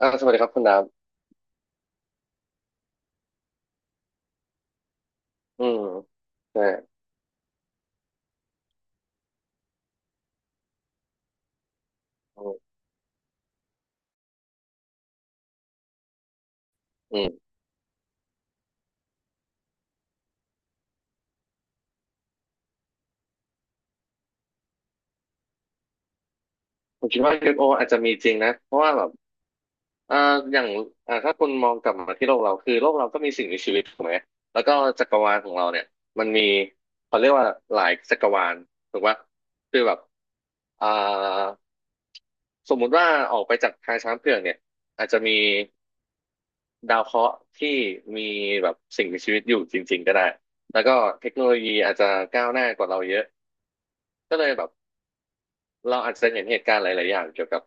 สวัสดีครับคุณดาบอืมใช่อืมอืมผมคิดว่า UFO อฟโออาจจะมีจริงนะเพราะว่าแบบอ่าอย่างถ้าคุณมองกลับมาที่โลกเราคือโลกเราก็มีสิ่งมีชีวิตถูกไหมแล้วก็จักรวาลของเราเนี่ยมันมีเขาเรียกว่าหลายจักรวาลถูกปะคือแบบอ่าสมมุติว่าออกไปจากทางช้างเผือกเนี่ยอาจจะมีดาวเคราะห์ที่มีแบบสิ่งมีชีวิตอยู่จริงๆก็ได้ แล้วก็เทคโนโลยีอาจจะก้าวหน้ากว่าเราเยอะ ก็เลยแบบเราอาจจะเห็นเหตุการณ์หลายๆอย่างเกี่ยวกับ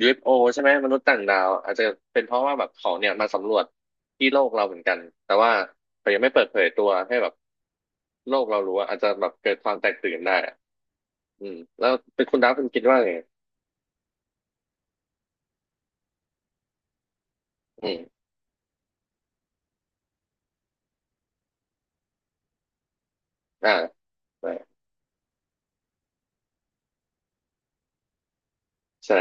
UFO ใช่ไหมมนุษย์ต่างดาวอาจจะเป็นเพราะว่าแบบเขาเนี่ยมาสำรวจที่โลกเราเหมือนกันแต่ว่าเขายังไม่เปิดเผยตัวให้แบบโลกเรารู้อะอาจจะแบบเกิดความแตกตื่นได้อะอืมแล้วเป็นคุณดาวคุณคิดว่าไงอืมอ่าใช่ใช่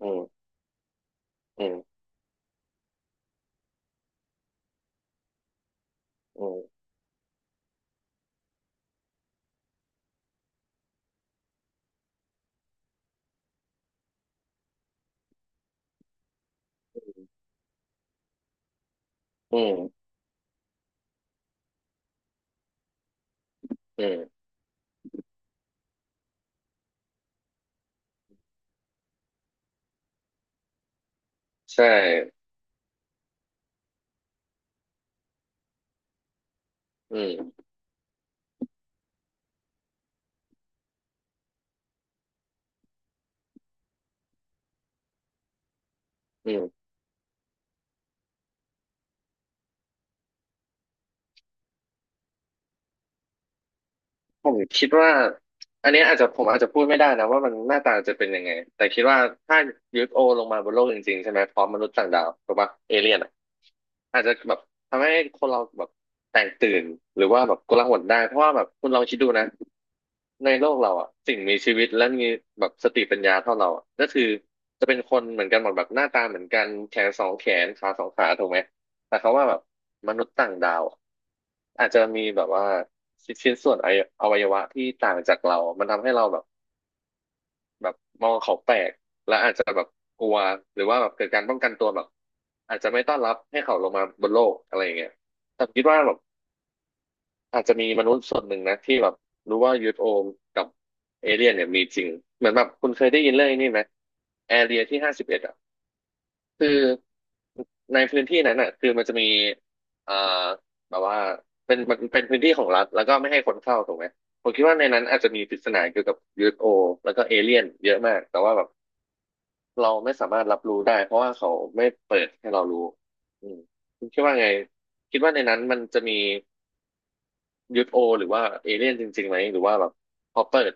อืมอืมอืมอืมอืมใช่อืมอืม ผมคิดว่าอันเนี้ยอาจจะผมอาจจะพูดไม่ได้นะว่ามันหน้าตาจะเป็นยังไงแต่คิดว่าถ้า UFO ลงมาบนโลกจริงๆใช่ไหมพร้อมมนุษย์ต่างดาวถูกปะเอเลี่ยนอะอาจจะแบบทำให้คนเราแบบแตกตื่นหรือว่าแบบกลาหลได้เพราะว่าแบบคุณลองคิดดูนะในโลกเราอะสิ่งมีชีวิตและมีแบบสติปัญญาเท่าเราอะก็คือจะเป็นคนเหมือนกันหมดแบบหน้าตาเหมือนกันแขนสองแขนขาสองขาถูกไหม แต่เขาว่าแบบมนุษย์ต่างดาวอะอาจจะมีแบบว่าชิ้นส่วนอวัยวะที่ต่างจากเรา มันทำให้เราแบบแบบมองเขาแปลกและอาจจะแบบกลัวหรือว่าแบบเกิดการป้องกันตัวแบบอาจจะไม่ต้อนรับให้เขาลงมาบนโลกอะไรอย่างเงี้ยแต่คิดว่าแบบอาจจะมีมนุษย์ส่วนหนึ่งนะที่แบบรู้ว่ายู o โอกับเอเลี่ยนเนี่ยมีจริงเหมือนแบบคุณเคยได้ยินเรื่องนี้ไหมแอเรียที่ห้าสิบเอ็ดอ่ะคือ ในพื้นที่นั้นอ่ะคือมันจะมีเอ่อแบบว่าเป็นมันเป็นพื้นที่ของรัฐแล้วก็ไม่ให้คนเข้าถูกไหมผมคิดว่าในนั้นอาจจะมีปริศนาเกี่ยวกับ UFO แล้วก็เอเลี่ยนเยอะมากแต่ว่าแบบเราไม่สามารถรับรู้ได้เพราะว่าเขาไม่เปิดให้เรารู้อืมคุณคิดว่าไงคิดว่าในนั้นมันจะมี UFO หรือว่าเอเลี่ยนจริงๆไหมหรือว่าแบบพอเปิด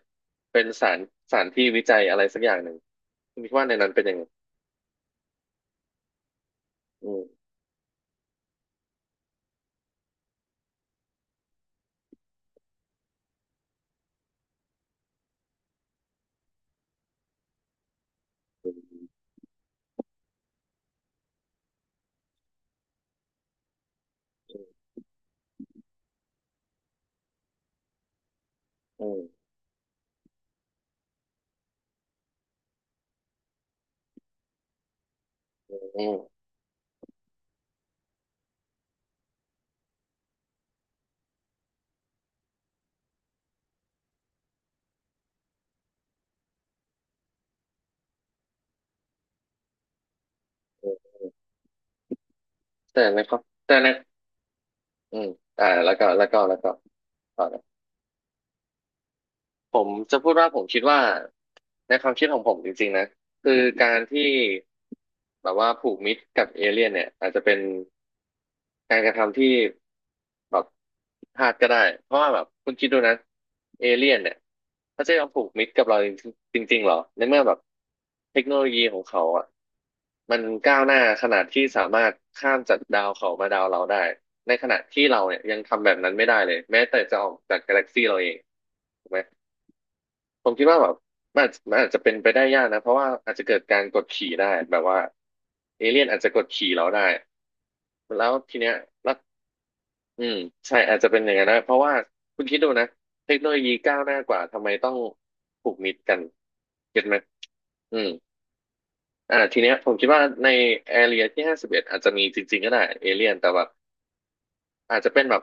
เป็นสารที่วิจัยอะไรสักอย่างหนึ่งคุณคิดว่าในนั้นเป็นยังไงอืมอืมอืมอืมแต่ในความแต่ใน อืมแล้วก็ต่อนะ ผมจะพูดว่าผมคิดว่าในความคิดของผมจริงๆนะคือการที่แบบว่าผูกมิตรกับเอเลี่ยนเนี่ยอาจจะเป็นการกระทำที่แบบพลาดก็ได้เพราะว่าแบบคุณคิดดูนะเอเลี่ยนเนี่ยเขาจะยอมผูกมิตรกับเราจริงๆหรอในเมื่อแบบเทคโนโลยีของเขาอ่ะมันก้าวหน้าขนาดที่สามารถข้ามจากดาวเขามาดาวเราได้ในขณะที่เราเนี่ยยังทำแบบนั้นไม่ได้เลยแม้แต่จะออกจากกาแล็กซี่เราเองถูกไหม ผมคิดว่าแบบมันอาจจะเป็นไปได้ยากนะเพราะว่าอาจจะเกิดการกดขี่ได้แบบว่าเอเลี่ยนอาจจะกดขี่เราได้แล้วทีเนี้ยแล้วอืมใช่อาจจะเป็นอย่างนั้นนะเพราะว่าคุณคิดดูนะเทคโนโลยีก้าวหน้ากว่าทำไมต้องผูกมิตรกันเก็ตไหมอืมทีเนี้ยผมคิดว่าในแอเรียที่ห้าสิบเอ็ดอาจจะมีจริงๆก็ได้เอเลี่ยนแต่แบบ อาจจะเป็นแบบ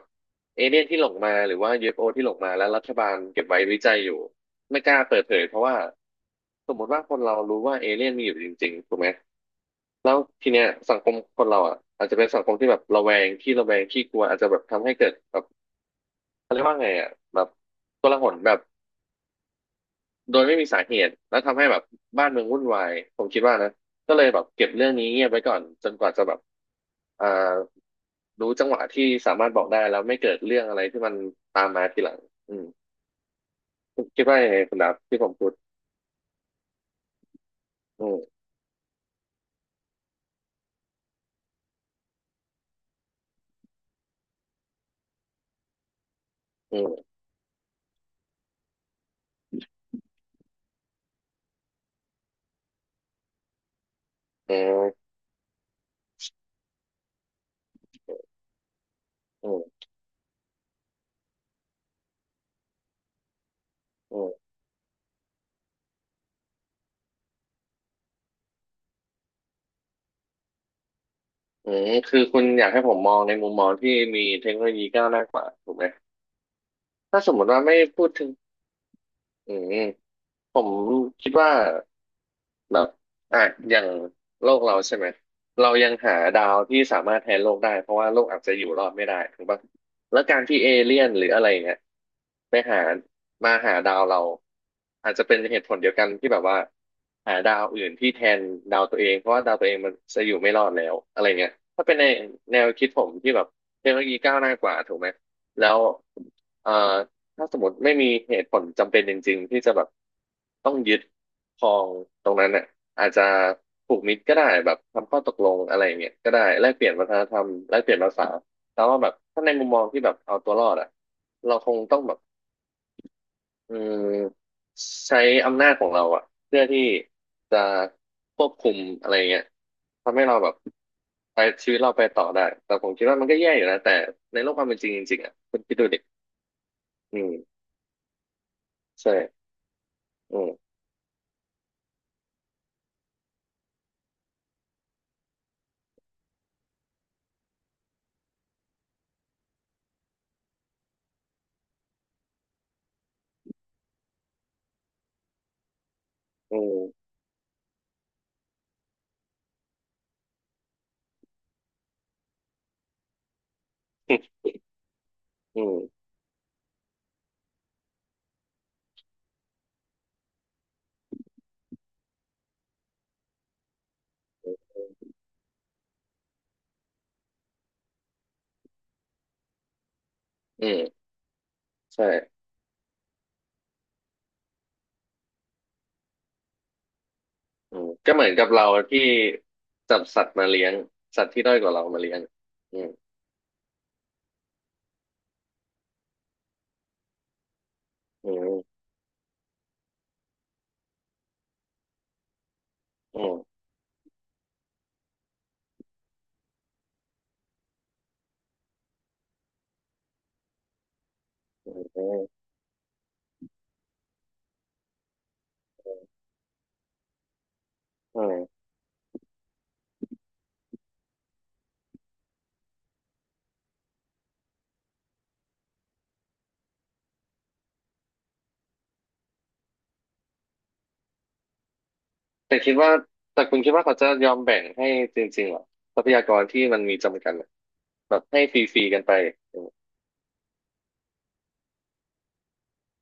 เอเลี่ยนที่หลงมาหรือว่า UFO ที่หลงมาแล้วรัฐบาลเก็บไว้วิจัยอยู่ไม่กล้าเปิดเผยเพราะว่าสมมติว่าคนเรารู้ว่าเอเลี่ยนมีอยู่จริงๆถูกไหมแล้วทีเนี้ยสังคมคนเราอ่ะอาจจะเป็นสังคมที่แบบระแวงขี้กลัวอาจจะแบบทำให้เกิดแบบเขาเรียกว่าไงอ่ะแบบโกลาหลแบบ โดยไม่มีสาเหตุแล้วทำให้แบบบ้านเมืองวุ่นวายผมคิดว่านะก็เลยแบบเก็บเรื่องนี้เงียบไว้ก่อนจนกว่าจะแบบอ่ารู้จังหวะที่สามารถบอกได้แล้วไม่เกิดเรื่องอะไรที่มันตามมาทีหลังอืมคุณคิดว่ายังไงคุณดับที่ผมพูดอืมอืมอืมอืมอืมอืมคือคุณอยากให้ผมมองในมุมมองที่มีเทคโนโลยีก้าวหน้ากว่าถูกไหมถ้าสมมติว่าไม่พูดถึงอืมผมคิดว่า แบบอ่ะอย่างโลกเราใช่ไหมเรายังหาดาวที่สามารถแทนโลกได้เพราะว่าโลกอาจจะอยู่รอดไม่ได้ถูกปะแล้วการที่เอเลี่ยนหรืออะไรเงี้ยไปหามาหาดาวเราอาจจะเป็นเหตุผลเดียวกันที่แบบว่าหาดาวอื่นที่แทนดาวตัวเองเพราะว่าดาวตัวเองมันจะอยู่ไม่รอดแล้วอะไรเงี้ยถ้าเป็นในแนวคิดผมที่แบบเทคโนโลยีก้าวหน้ากว่าถูกไหมแล้วเอ่อ ถ้าสมมติไม่มีเหตุผลจำเป็นจริงๆที่จะแบบต้องยึดครองตรงนั้นเนี่ยอาจจะผูกมิตรก็ได้แบบทำข้อตกลงอะไรอย่างเงี้ยก็ได้แลกเปลี่ยนวัฒนธรรมแลกเปลี่ยนภาษาแต่ว่าแบบถ้าในมุมมองที่แบบเอาตัวรอดอ่ะเราคงต้องแบบอืมใช้อำนาจของเราอ่ะเพื่อที่จะควบคุมอะไรเงี้ยทำให้เราแบบไปชีวิตเราไปต่อได้แต่ผมคิดว่ามันก็แย่อยู่นะแต่ในโลกความเป็นจริงจริงๆอ่ะคุณคิดดูดิอืมใช่อืมอืม อืมอืมใช่อืมก็เหมือนกับเราที่จับสัตว์มาเลี้ยงสัตว์ที่ด้อยกว่าเรามาเลี้ยงอืมอืมอืมอืมอืมแต่คิดว่าแต่คุณคิดว่าเขาจะยอมแบ่งให้จริงๆเหรอทรัพยากรที่มันมีจำกัดอะแบบให้ฟรีๆกันไปอม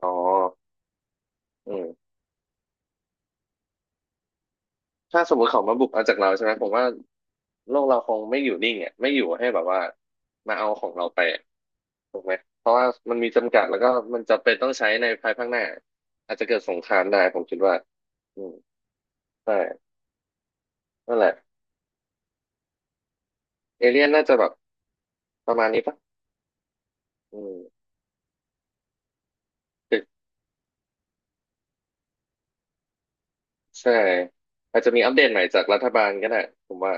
อ๋ออืม ถ้าสมมติเขามาบุกเอาจากเราใช่ไหมผมว่าโลกเราคงไม่อยู่นิ่งอ่ะไม่อยู่ให้แบบว่ามาเอาของเราไปอะถูกไหมเพราะว่ามันมีจำกัดแล้วก็มันจะเป็นต้องใช้ในภายภาคหน้าอาจจะเกิดสงครามได้ผมคิดว่าอืมใช่นั่นแหละเอเลี่ยนน่าจะแบบประมาณนี้ปะอืมตึกใช่อาจจะมีอัปเดตใหม่จากรัฐบาลก็ได้ผมว่า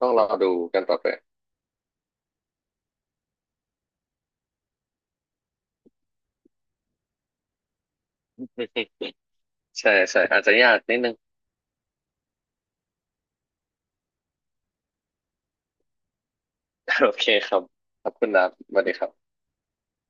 ต้องรอดูกันต่อไปใช่ใช่อาจจะยากนิดนึง โอเคครับขอบคุณครับสวัสดีครับ